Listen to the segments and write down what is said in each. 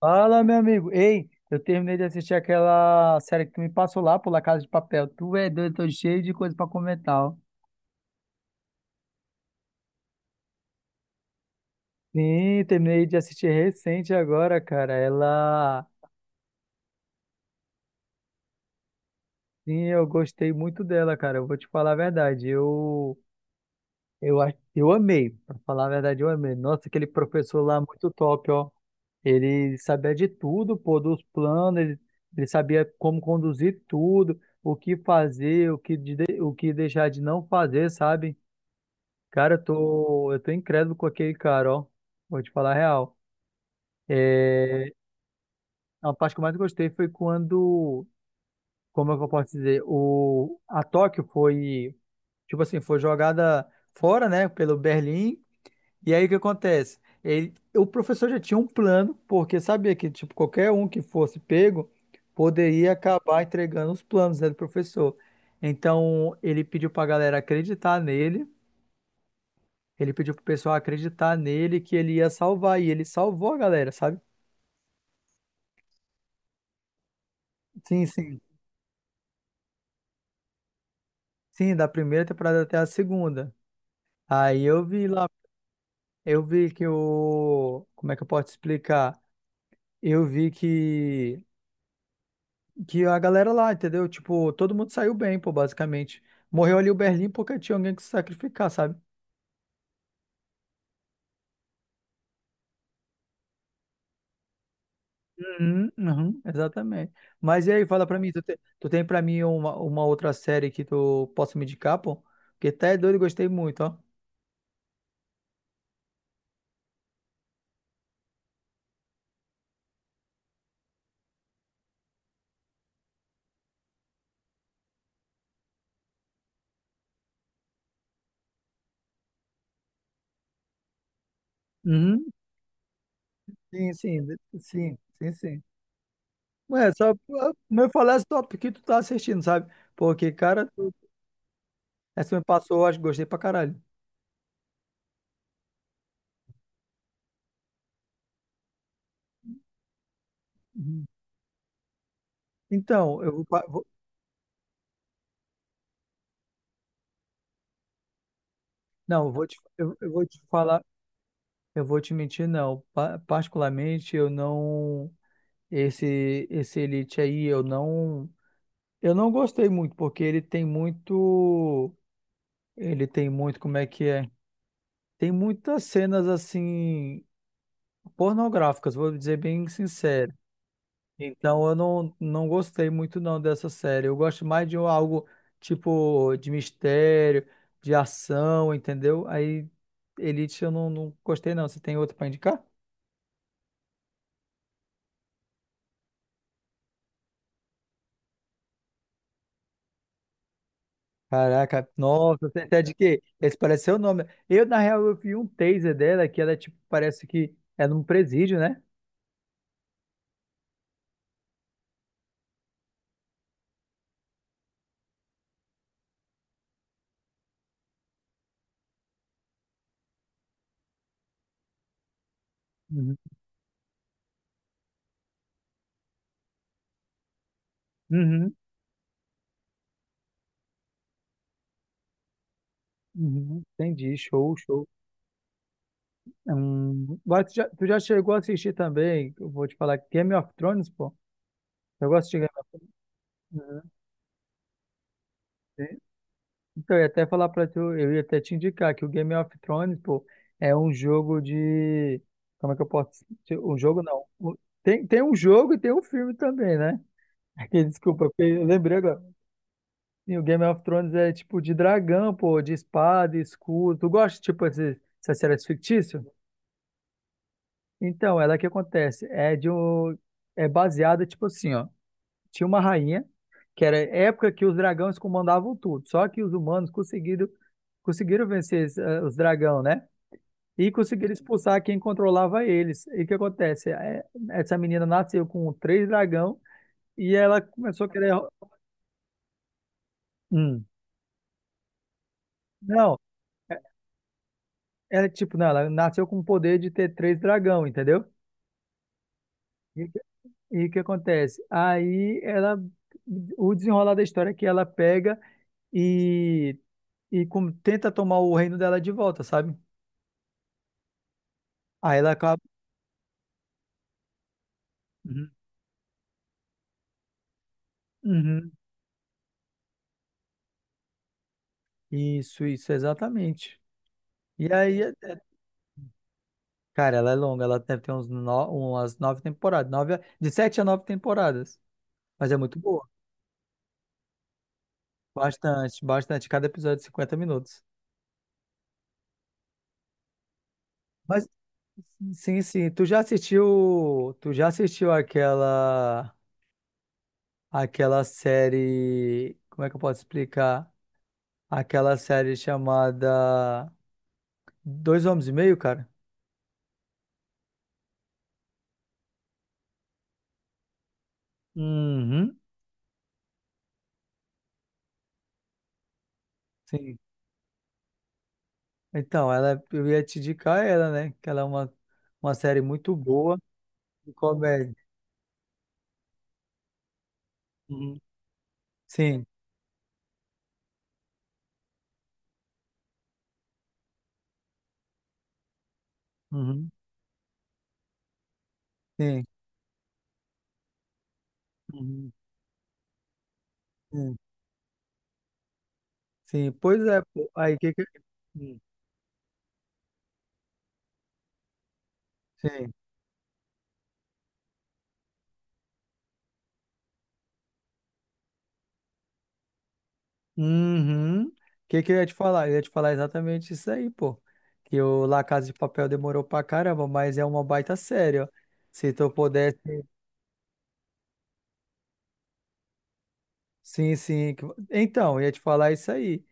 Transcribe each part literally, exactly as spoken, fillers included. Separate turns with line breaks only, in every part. Fala, meu amigo. Ei, eu terminei de assistir aquela série que tu me passou lá, por La Casa de Papel. Tu é doido, tô cheio de coisa pra comentar, ó. Sim, terminei de assistir recente agora, cara. Ela, sim, eu gostei muito dela, cara. Eu vou te falar a verdade. Eu, eu, a- eu amei, pra falar a verdade, eu amei. Nossa, aquele professor lá muito top, ó. Ele sabia de tudo, pô, dos planos, ele, ele sabia como conduzir tudo, o que fazer, o que, de- o que deixar de não fazer, sabe? Cara, eu tô, eu tô incrédulo com aquele cara, ó. Vou te falar a real. É, a parte que eu mais gostei foi quando, como é que eu posso dizer, o, a Tóquio foi, tipo assim, foi jogada fora, né, pelo Berlim. E aí o que acontece? Ele, o professor já tinha um plano, porque sabia que, tipo, qualquer um que fosse pego poderia acabar entregando os planos, né, do professor. Então, ele pediu pra galera acreditar nele. Ele pediu pro pessoal acreditar nele que ele ia salvar, e ele salvou a galera, sabe? Sim, sim. Sim, da primeira temporada até a segunda. Aí eu vi lá, eu vi que o. Como é que eu posso explicar? Eu vi que. Que a galera lá, entendeu? Tipo, todo mundo saiu bem, pô, basicamente. Morreu ali o Berlim porque tinha alguém que se sacrificar, sabe? Uhum, uhum. Exatamente. Mas e aí, fala pra mim, tu, te- tu tem pra mim uma, uma outra série que tu possa me indicar, pô? Porque até é doido, gostei muito, ó. Uhum. Sim, sim, de- sim, sim, sim. Ué, só pra- meu falar esse que tu tá assistindo, sabe? Porque, cara, essa me passou, eu acho que gostei pra caralho. Uhum. Então, eu vou, pa- vou- não, eu vou te, eu, eu vou te falar, eu vou te mentir, não. Pa- particularmente, eu não, esse, esse Elite aí, eu não, eu não gostei muito, porque ele tem muito, ele tem muito, como é que é? Tem muitas cenas, assim, pornográficas, vou dizer bem sincero. Então eu não, não gostei muito não dessa série. Eu gosto mais de um- algo tipo de mistério, de ação, entendeu? Aí Elite eu não, não gostei não. Você tem outro pra indicar? Caraca, nossa, você até de quê? Esse parece seu nome. Eu, na real, eu vi um taser dela, que ela, é, tipo, parece que é num presídio, né? Uhum. Uhum, uhum. Entendi, show, show. Hum, mas tu já, tu já chegou a assistir também, eu vou te falar, Game of Thrones, pô? Eu gosto de Game of Thrones. Então, eu ia até falar pra tu, eu ia até te indicar que o Game of Thrones, pô, é um jogo de. Como é que eu posso dizer? Um jogo não. O- Tem, tem um jogo e tem um filme também, né? Aqui, desculpa, porque eu lembrei agora. Sim, o Game of Thrones é tipo de dragão, pô, de espada, escudo. Tu gosta, tipo, esses- essas séries fictícias? Então, ela é que acontece. É de um. É baseada, tipo assim, ó. Tinha uma rainha, que era época que os dragões comandavam tudo. Só que os humanos conseguiram, conseguiram vencer es- eh, os dragões, né? E conseguiram expulsar quem controlava eles. E o que acontece? É, Essa menina nasceu com três dragão e ela começou a querer. Hum. Não, é, ela tipo, não, ela nasceu com o poder de ter três dragão, entendeu? E o que e o que acontece? Aí ela. O desenrolar da história é que ela pega e, e com- tenta tomar o reino dela de volta, sabe? Aí ela acaba. Uhum, uhum. Isso, isso, exatamente. E aí, é- é- cara, ela é longa, ela deve ter uns no- umas nove temporadas, nove, a- de sete a nove temporadas. Mas é muito boa. Bastante, bastante. Cada episódio de cinquenta minutos. Mas, sim, sim. Tu já assistiu. Tu já assistiu aquela. Aquela série. Como é que eu posso explicar? Aquela série chamada Dois Homens e Meio, cara? Uhum. Sim. Então, ela, eu ia te indicar ela, né? Que ela é uma, uma série muito boa de comédia. Uhum. Sim, uhum. Sim, uhum. Sim, sim. Pois é, pô. Aí que que... Hum. Sim. Uhum. O que que eu ia te falar? Eu ia te falar exatamente isso aí, pô. Que o La Casa de Papel demorou pra caramba, mas é uma baita série, ó. Se tu pudesse... Sim, sim. que- Então, eu ia te falar isso aí.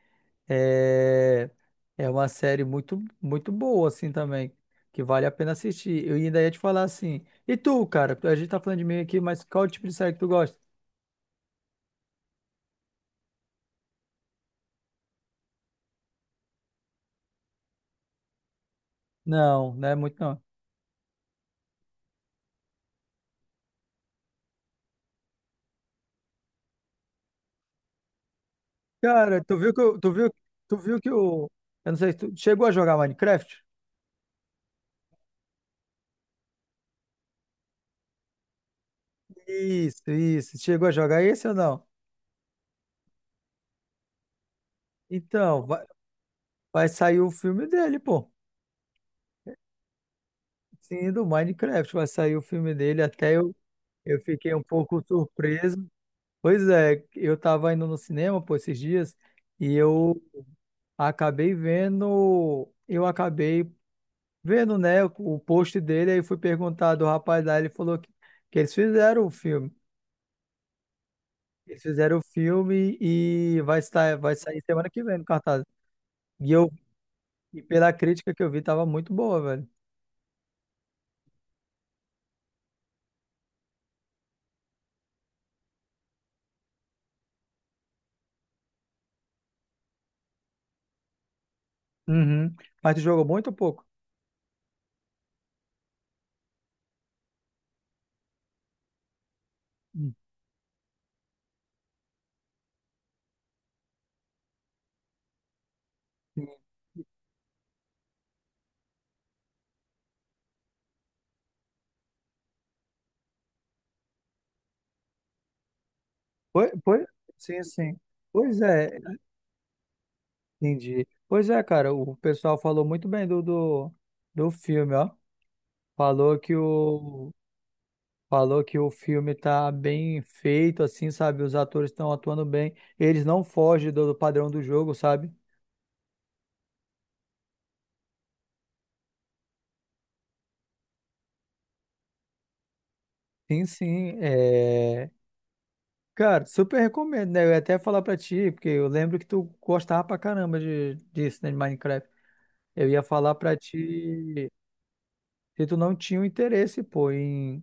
É, é uma série muito, muito boa, assim, também, que vale a pena assistir. Eu ainda ia te falar assim, e tu, cara? A gente tá falando de mim aqui, mas qual tipo de série que tu gosta? Não, não é muito não. Cara, tu viu que eu, tu viu, tu viu que o, eu não sei, tu chegou a jogar Minecraft? Isso, isso. Chegou a jogar esse ou não? Então, vai, vai sair o filme dele, pô. Sim, do Minecraft, vai sair o filme dele. Até eu, eu fiquei um pouco surpreso. Pois é, eu tava indo no cinema por esses dias e eu acabei vendo, eu acabei vendo, né, o o post dele, aí fui perguntar do rapaz lá, ele falou que, que eles fizeram o filme. Eles fizeram o filme e vai estar, vai sair semana que vem no cartaz. E eu, e pela crítica que eu vi, tava muito boa, velho. Uhum. Mas tu jogou muito ou pouco? Hum. Pois, pois, sim, sim. Pois é, entendi. Pois é, cara, o pessoal falou muito bem do, do, do filme, ó. Falou que o, falou que o filme tá bem feito, assim, sabe? Os atores estão atuando bem. Eles não fogem do, do padrão do jogo, sabe? Sim, sim. É... Cara, super recomendo, né? Eu ia até falar pra ti, porque eu lembro que tu gostava pra caramba de, disso, né, de Minecraft. Eu ia falar pra ti se tu não tinha o interesse, pô, em,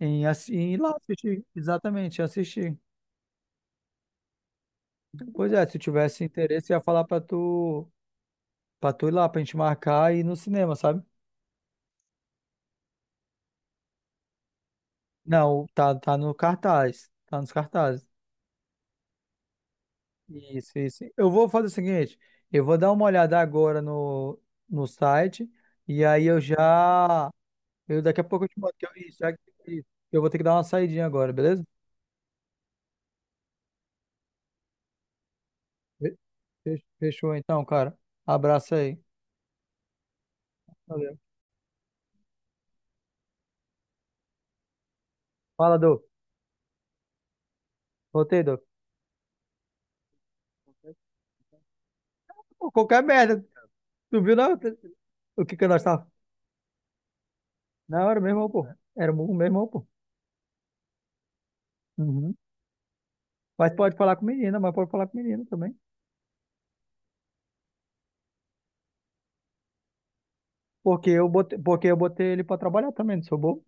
em, assi- em ir lá assistir. Exatamente, assistir. Pois é, se tivesse interesse, eu ia falar pra tu, pra tu, ir lá, pra gente marcar e ir no cinema, sabe? Não, tá, tá no cartaz. Tá nos cartazes. Isso, isso. Eu vou fazer o seguinte, eu vou dar uma olhada agora no, no site e aí eu já, eu daqui a pouco eu te mando. eu- Isso, já, isso. Eu vou ter que dar uma saidinha agora, beleza? Fe- fe- Fechou então, cara. Abraço aí. Valeu. Fala, Dô. Voltei, Dô. Pô, qualquer merda. Tu viu não? O que que nós tá... Não, era o meu irmão, pô. Era o meu pô. Uhum. Mas pode falar com menina, mas pode falar com menina também. Porque eu botei, porque eu botei ele pra trabalhar também, não sou bobo.